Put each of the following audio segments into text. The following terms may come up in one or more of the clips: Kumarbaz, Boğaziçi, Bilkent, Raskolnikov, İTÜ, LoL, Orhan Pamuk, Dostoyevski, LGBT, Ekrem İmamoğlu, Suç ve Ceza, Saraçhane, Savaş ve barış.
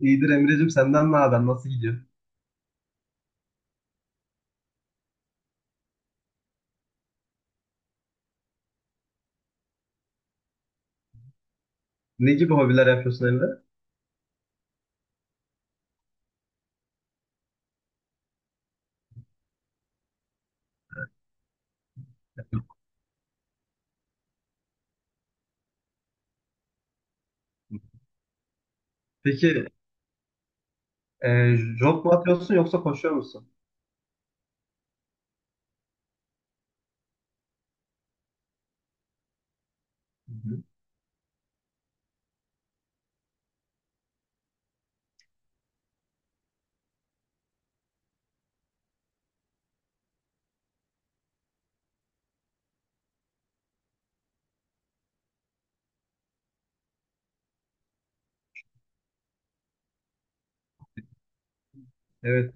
İyidir Emre'cim, senden ne haber? Nasıl gidiyor? Ne gibi hobiler yapıyorsun Emre? Peki jog mu atıyorsun yoksa koşuyor musun? Hı-hı. Evet.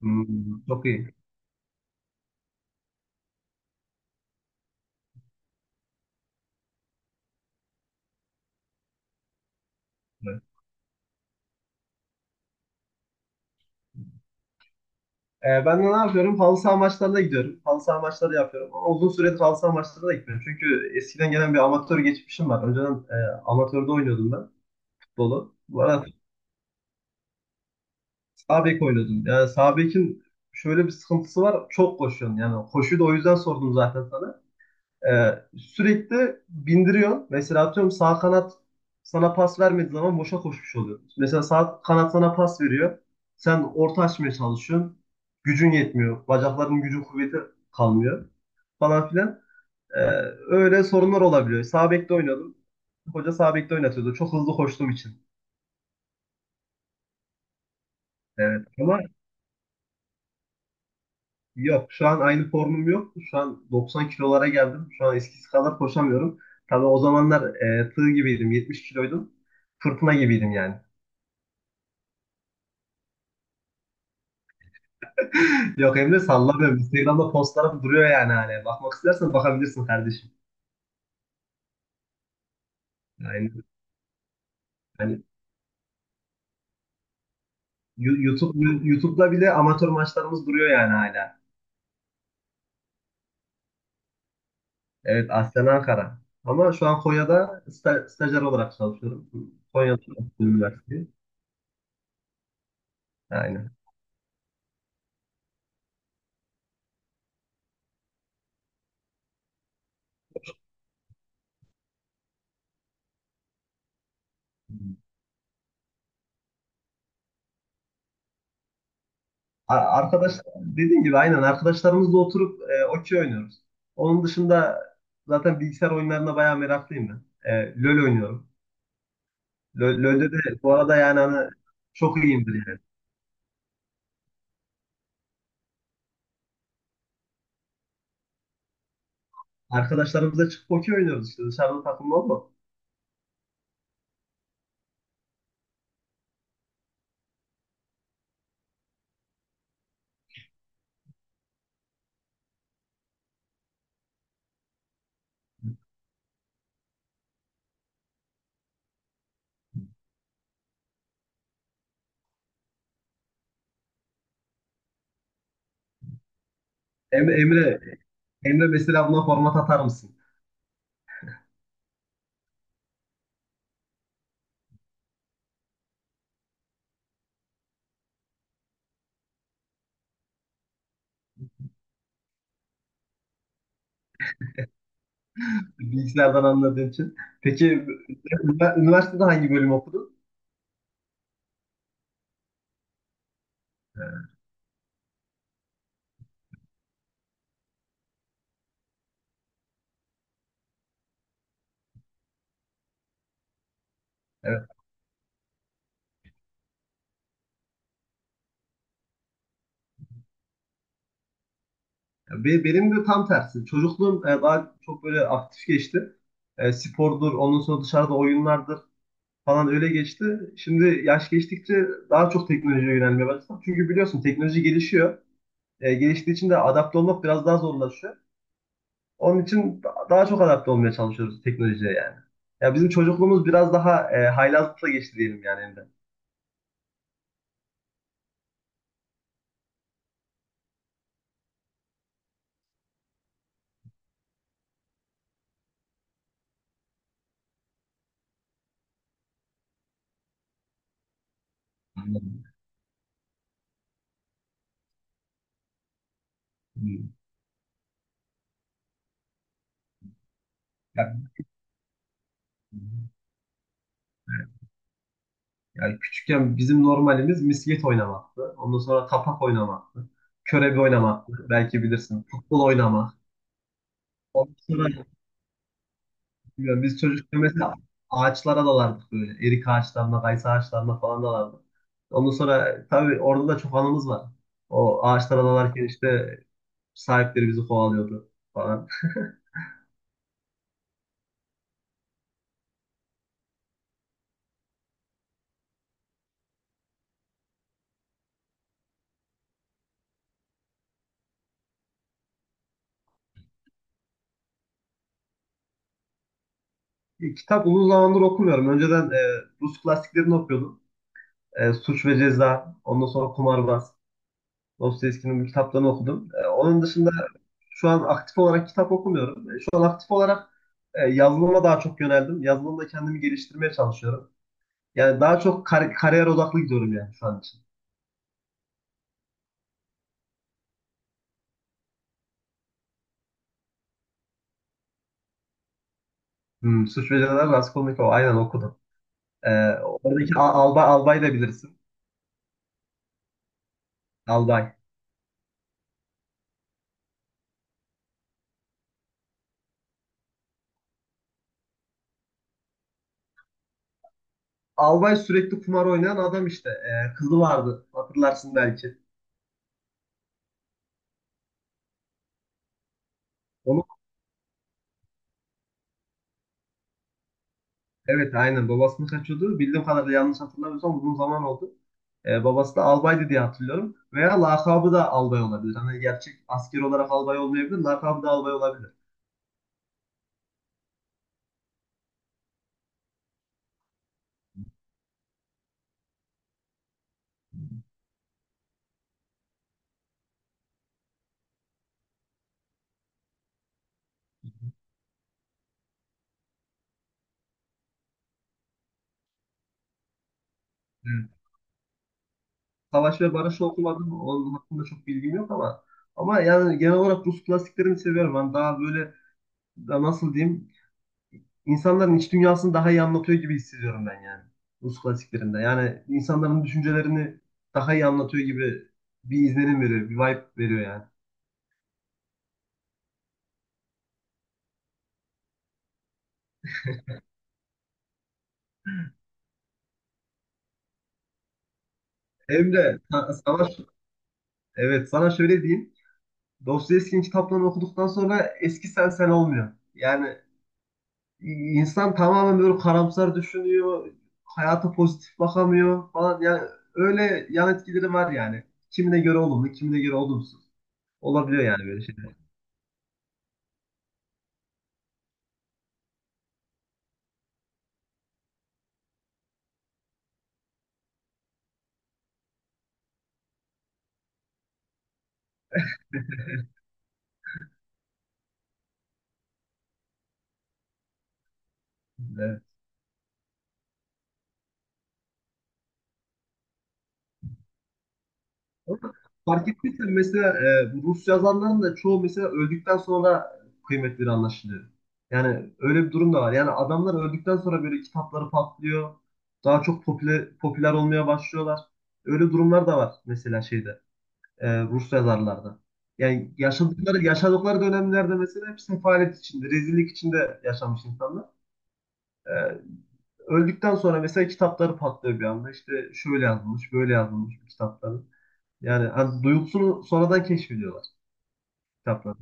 Hmm, çok iyi. Evet. Ben de ne yapıyorum? Halı saha maçlarına gidiyorum. Halı saha maçları yapıyorum. Ama uzun süredir halı saha maçlarına da gitmiyorum. Çünkü eskiden gelen bir amatör geçmişim var. Önceden amatörde oynuyordum ben futbolu. Bu arada sağ bek oynuyordum. Yani sağ bekin şöyle bir sıkıntısı var. Çok koşuyorsun. Yani koşuyu da o yüzden sordum zaten sana. Sürekli bindiriyor. Mesela atıyorum, sağ kanat sana pas vermediği zaman boşa koşmuş oluyor. Mesela sağ kanat sana pas veriyor. Sen orta açmaya çalışıyorsun. Gücün yetmiyor. Bacakların gücü kuvveti kalmıyor falan filan. Ee, Öyle sorunlar olabiliyor. Sağ bekte oynadım. Hoca sağ bekte oynatıyordu, çok hızlı koştuğum için. Evet. Ama yok, şu an aynı formum yok. Şu an 90 kilolara geldim. Şu an eskisi kadar koşamıyorum. Tabii o zamanlar tığ gibiydim. 70 kiloydum. Fırtına gibiydim yani. Yok Emre, sallamıyorum. Instagram'da postlarım duruyor yani hani. Bakmak istersen bakabilirsin kardeşim. Yani hani YouTube, YouTube'da bile amatör maçlarımız duruyor yani hala. Evet, aslen Ankara. Ama şu an Konya'da stajyer olarak çalışıyorum. Konya'da üniversite. Aynen. Arkadaş, dediğim gibi, aynen arkadaşlarımızla oturup okey oynuyoruz. Onun dışında zaten bilgisayar oyunlarına bayağı meraklıyım ben. LoL oynuyorum. LoL'de de bu arada yani hani çok iyiyimdir yani. Arkadaşlarımızla çıkıp okey oynuyoruz işte dışarıda takımda olma. Emre, Emre, Emre mesela buna format atar mısın? Bilgisayardan anladığın için. Peki, üniversitede hangi bölüm okudun? Evet. Benim de tam tersi. Çocukluğum daha çok böyle aktif geçti. E, spordur, ondan sonra dışarıda oyunlardır falan, öyle geçti. Şimdi yaş geçtikçe daha çok teknolojiye yönelmeye başladım. Çünkü biliyorsun teknoloji gelişiyor. E, geliştiği için de adapte olmak biraz daha zorlaşıyor. Onun için daha çok adapte olmaya çalışıyoruz teknolojiye yani. Ya bizim çocukluğumuz biraz daha haylazlıkla geçti diyelim yani, elinde. Anladım. Hmm. Ya, yani küçükken bizim normalimiz misket oynamaktı. Ondan sonra tapak oynamaktı. Körebe oynamaktı. Belki bilirsin. Futbol oynamak. Bilmiyorum, biz çocukken mesela ağaçlara dalardık böyle. Erik ağaçlarına, kayısı ağaçlarına falan dalardık. Ondan sonra tabii orada da çok anımız var. O ağaçlara dalarken işte sahipleri bizi kovalıyordu falan. E, kitap uzun zamandır okumuyorum. Önceden Rus klasiklerini okuyordum. E, Suç ve Ceza, ondan sonra Kumarbaz, Dostoyevski'nin bu kitaplarını okudum. E, onun dışında şu an aktif olarak kitap okumuyorum. E, şu an aktif olarak yazılıma daha çok yöneldim. Yazılımda kendimi geliştirmeye çalışıyorum. Yani daha çok kariyer odaklı gidiyorum yani şu an için. Hmm, Suç ve Ceza, Raskolnikov, aynen, okudum. Ee, oradaki albay, da bilirsin. Albay. Albay sürekli kumar oynayan adam işte. Kızı vardı, hatırlarsın belki. Onu, evet, aynen, babasını kaçıyordu. Bildiğim kadarıyla, yanlış hatırlamıyorsam, uzun zaman oldu. Babası da albaydı diye hatırlıyorum. Veya lakabı da albay olabilir. Hani gerçek asker olarak albay olmayabilir. Lakabı da albay olabilir. Savaş ve barış okumadım. Onun hakkında çok bilgim yok ama ama yani genel olarak Rus klasiklerini seviyorum. Ben daha böyle da nasıl diyeyim, insanların iç dünyasını daha iyi anlatıyor gibi hissediyorum ben yani. Rus klasiklerinde. Yani insanların düşüncelerini daha iyi anlatıyor gibi bir izlenim veriyor, bir vibe veriyor yani. Hem de sana, evet, sana şöyle diyeyim. Dostoyevski'nin kitaplarını okuduktan sonra eski sen sen olmuyor. Yani İnsan tamamen böyle karamsar düşünüyor, hayata pozitif bakamıyor falan. Yani öyle yan etkileri var yani. Kimine göre olumlu, kimine göre olumsuz. Olabiliyor yani böyle şeyler. Evet. Ama fark ettiysen mesela bu Rus yazarların da çoğu mesela öldükten sonra kıymetleri anlaşılıyor. Yani öyle bir durum da var. Yani adamlar öldükten sonra böyle kitapları patlıyor. Daha çok popüler, popüler olmaya başlıyorlar. Öyle durumlar da var mesela şeyde. E, Rus yazarlarda. Yani yaşadıkları dönemlerde mesela hep sefalet içinde, rezillik içinde yaşamış insanlar. E, öldükten sonra mesela kitapları patlıyor bir anda. İşte şöyle yazılmış, böyle yazılmış bu kitapların. Yani hani duygusunu sonradan keşfediyorlar kitapları.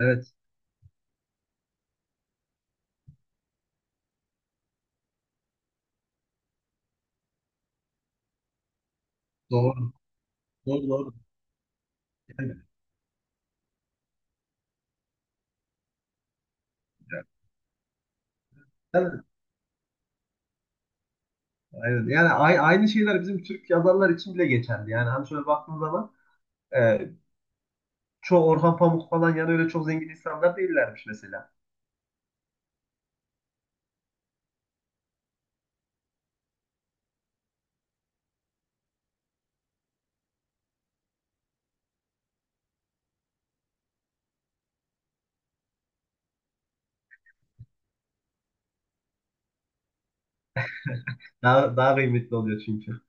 Evet, doğru. Doğru, doğru. Yani, yani, aynen. Yani aynı şeyler bizim Türk yazarlar için bile geçerli. Yani hani şöyle baktığın zaman e, çoğu Orhan Pamuk falan, yani öyle çok zengin insanlar değillermiş mesela. Daha kıymetli oluyor çünkü.